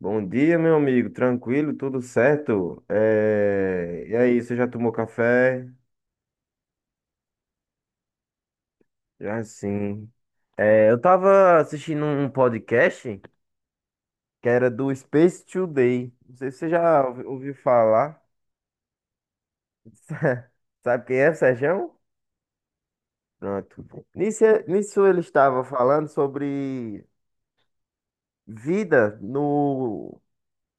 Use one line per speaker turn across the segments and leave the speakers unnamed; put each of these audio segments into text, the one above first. Bom dia, meu amigo. Tranquilo, tudo certo? E aí, você já tomou café? Já sim. Eu tava assistindo um podcast que era do Space Today. Não sei se você já ouviu falar. Sabe quem é, Serjão? Pronto. Nisso ele estava falando sobre vida no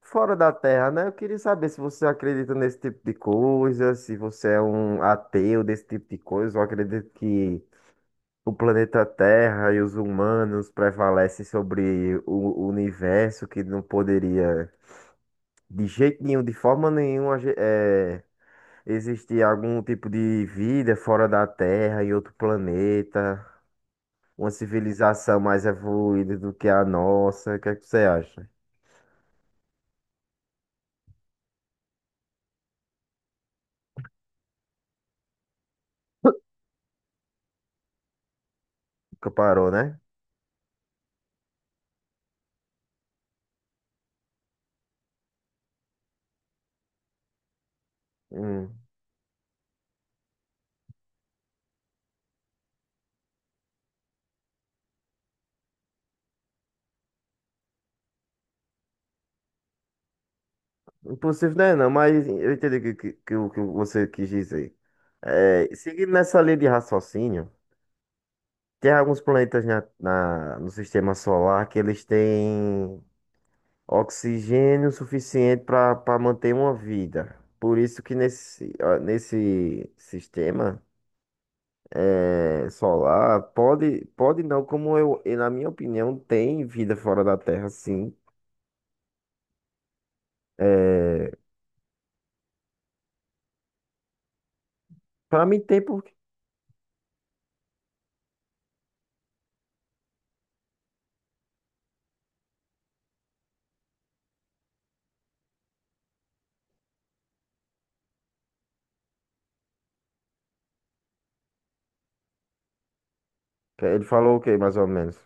fora da Terra, né? Eu queria saber se você acredita nesse tipo de coisa, se você é um ateu desse tipo de coisa, ou acredita que o planeta Terra e os humanos prevalecem sobre o universo que não poderia, de jeito nenhum, de forma nenhuma, existir algum tipo de vida fora da Terra, em outro planeta, uma civilização mais evoluída do que a nossa. O que é que você acha? Nunca parou, né? Hum. Impossível, né? Não, mas eu entendi o o que você quis dizer. Seguindo nessa linha de raciocínio. Tem alguns planetas no sistema solar que eles têm oxigênio suficiente para manter uma vida. Por isso que nesse, ah, nesse sistema solar pode não, como eu, e na minha opinião, tem vida fora da Terra, sim. É, para mim tem porque. Ele falou o quê, mais ou menos?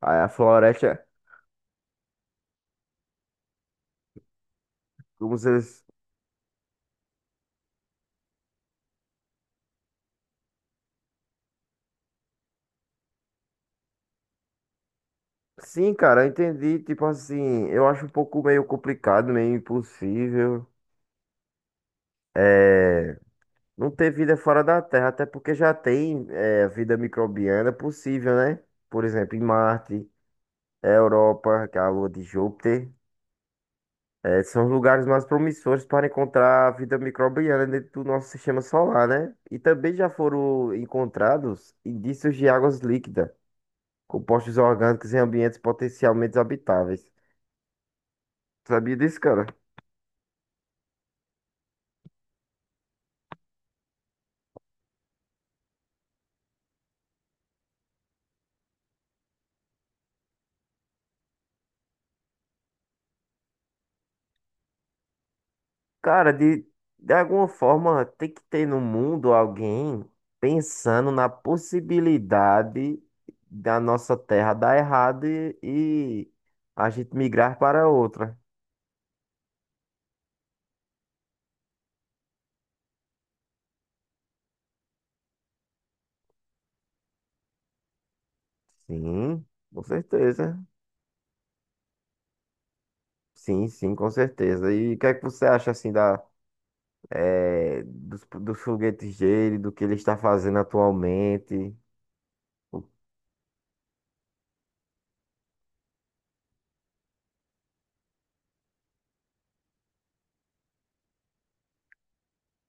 Aí a floresta, como se eles. Sim, cara, eu entendi. Tipo assim, eu acho um pouco meio complicado, meio impossível. É, não ter vida fora da Terra, até porque já tem é, vida microbiana possível, né? Por exemplo, em Marte, é, Europa, que é a lua de Júpiter, é, são os lugares mais promissores para encontrar vida microbiana dentro do nosso sistema solar, né? E também já foram encontrados indícios de águas líquidas, compostos orgânicos em ambientes potencialmente habitáveis. Sabia disso, cara? Cara, de alguma forma tem que ter no mundo alguém pensando na possibilidade da nossa terra dar errado e a gente migrar para outra. Sim, com certeza. Sim, sim, com certeza. E o que é que você acha assim da, dos foguetes dele, do que ele está fazendo atualmente?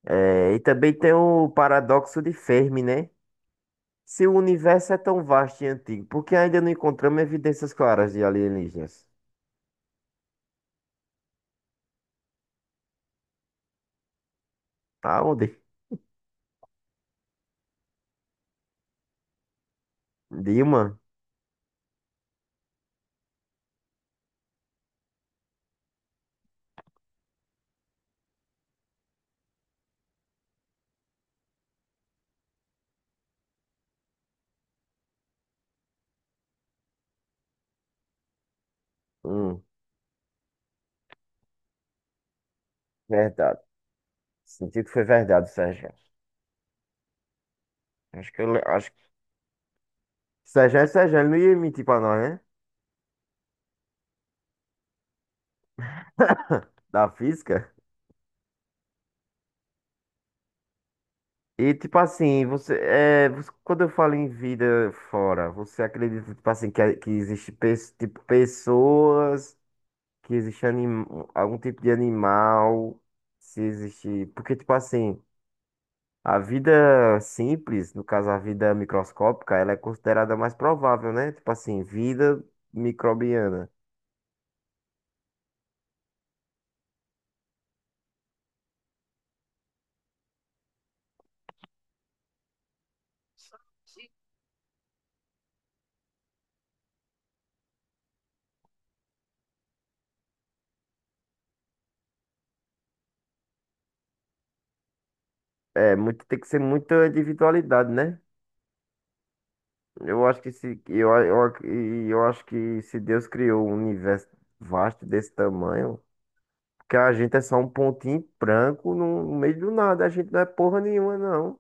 E também tem o paradoxo de Fermi, né? Se o universo é tão vasto e antigo, por que ainda não encontramos evidências claras de alienígenas? Tá onde? Dilma? Hum, verdade. Senti que foi verdade, Sérgio. Acho que. Sérgio é Sérgio, ele não ia mentir pra nós, né? Da física. E tipo assim, quando eu falo em vida fora, você acredita tipo assim que existe tipo pessoas, que existe algum tipo de animal, se existe, porque tipo assim, a vida simples, no caso a vida microscópica, ela é considerada mais provável, né? Tipo assim, vida microbiana. É, muito, tem que ser muita individualidade, né? Eu acho que se, eu acho que se Deus criou um universo vasto desse tamanho, que a gente é só um pontinho branco no meio do nada, a gente não é porra nenhuma, não.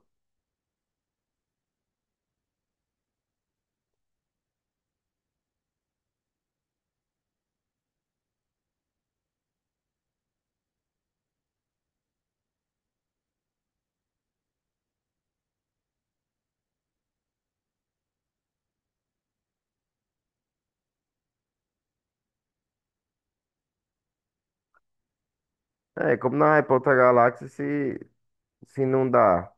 É, como na outra galáxia se, se não dá.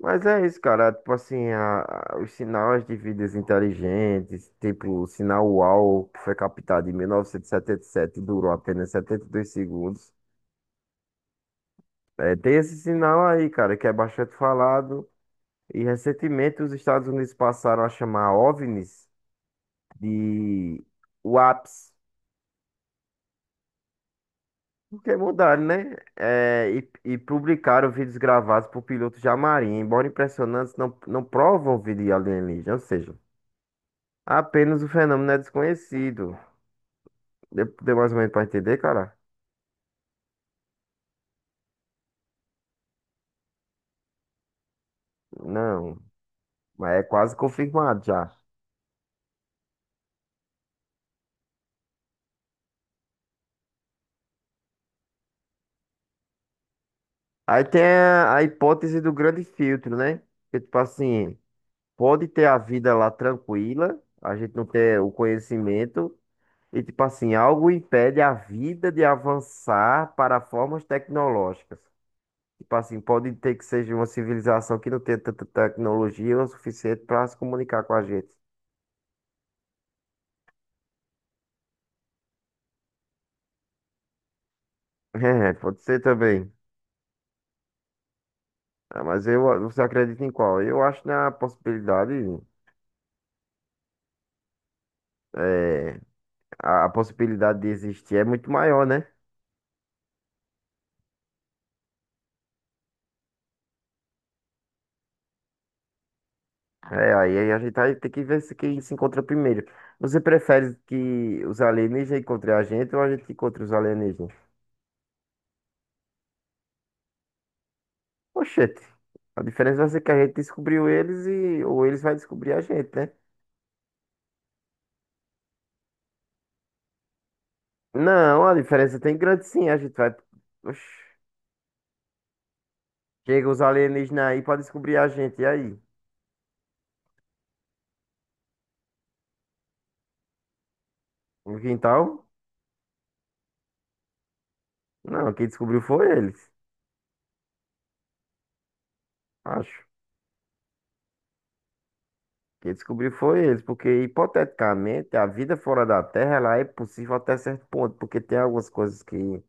Mas é isso, cara. Tipo assim, os sinais de vidas inteligentes, tipo o sinal UAU, que foi captado em 1977 e 77 e durou apenas 72 segundos. É, tem esse sinal aí, cara, que é bastante falado. E recentemente os Estados Unidos passaram a chamar OVNIs de UAPs, porque mudaram, né? E publicaram vídeos gravados por pilotos de marinha, embora impressionantes, não, não provam vídeo alienígena, ou seja. Apenas o fenômeno é desconhecido. Deu mais ou menos pra entender, cara? Não, mas é quase confirmado já. Aí tem a hipótese do grande filtro, né? Que tipo assim, pode ter a vida lá tranquila, a gente não ter o conhecimento, e tipo assim, algo impede a vida de avançar para formas tecnológicas. Tipo assim, pode ter que seja uma civilização que não tenha tanta tecnologia o suficiente para se comunicar com a gente. É, pode ser também. Ah, mas eu, você acredita em qual? Eu acho na possibilidade, é, a possibilidade de existir é muito maior, né? É, aí a gente vai ter que ver se quem se encontra primeiro. Você prefere que os alienígenas encontrem a gente ou a gente encontre os alienígenas? Oxente, a diferença vai ser que a gente descobriu eles e ou eles vai descobrir a gente, né? Não, a diferença tem grande sim, a gente vai. Oxi, chega os alienígenas aí pra descobrir a gente, e aí? No quintal? Não, quem descobriu foi eles, acho. Quem descobriu foi eles, porque hipoteticamente a vida fora da Terra ela é possível até certo ponto, porque tem algumas coisas que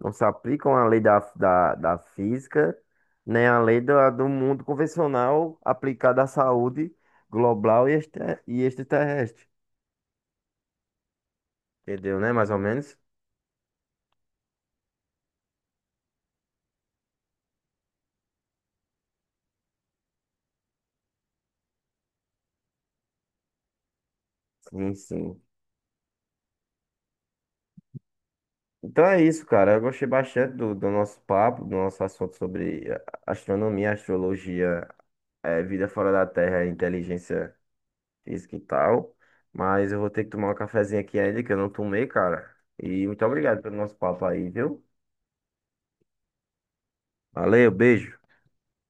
não se aplicam à lei da física, nem à lei da, do mundo convencional aplicada à saúde global e extraterrestre. Entendeu, né? Mais ou menos? Sim, sim. Então é isso, cara. Eu gostei bastante do, do nosso papo, do nosso assunto sobre astronomia, astrologia, vida fora da Terra, inteligência. Física e tal. Mas eu vou ter que tomar um cafezinho aqui ainda, que eu não tomei, cara. E muito obrigado pelo nosso papo aí, viu? Valeu, beijo.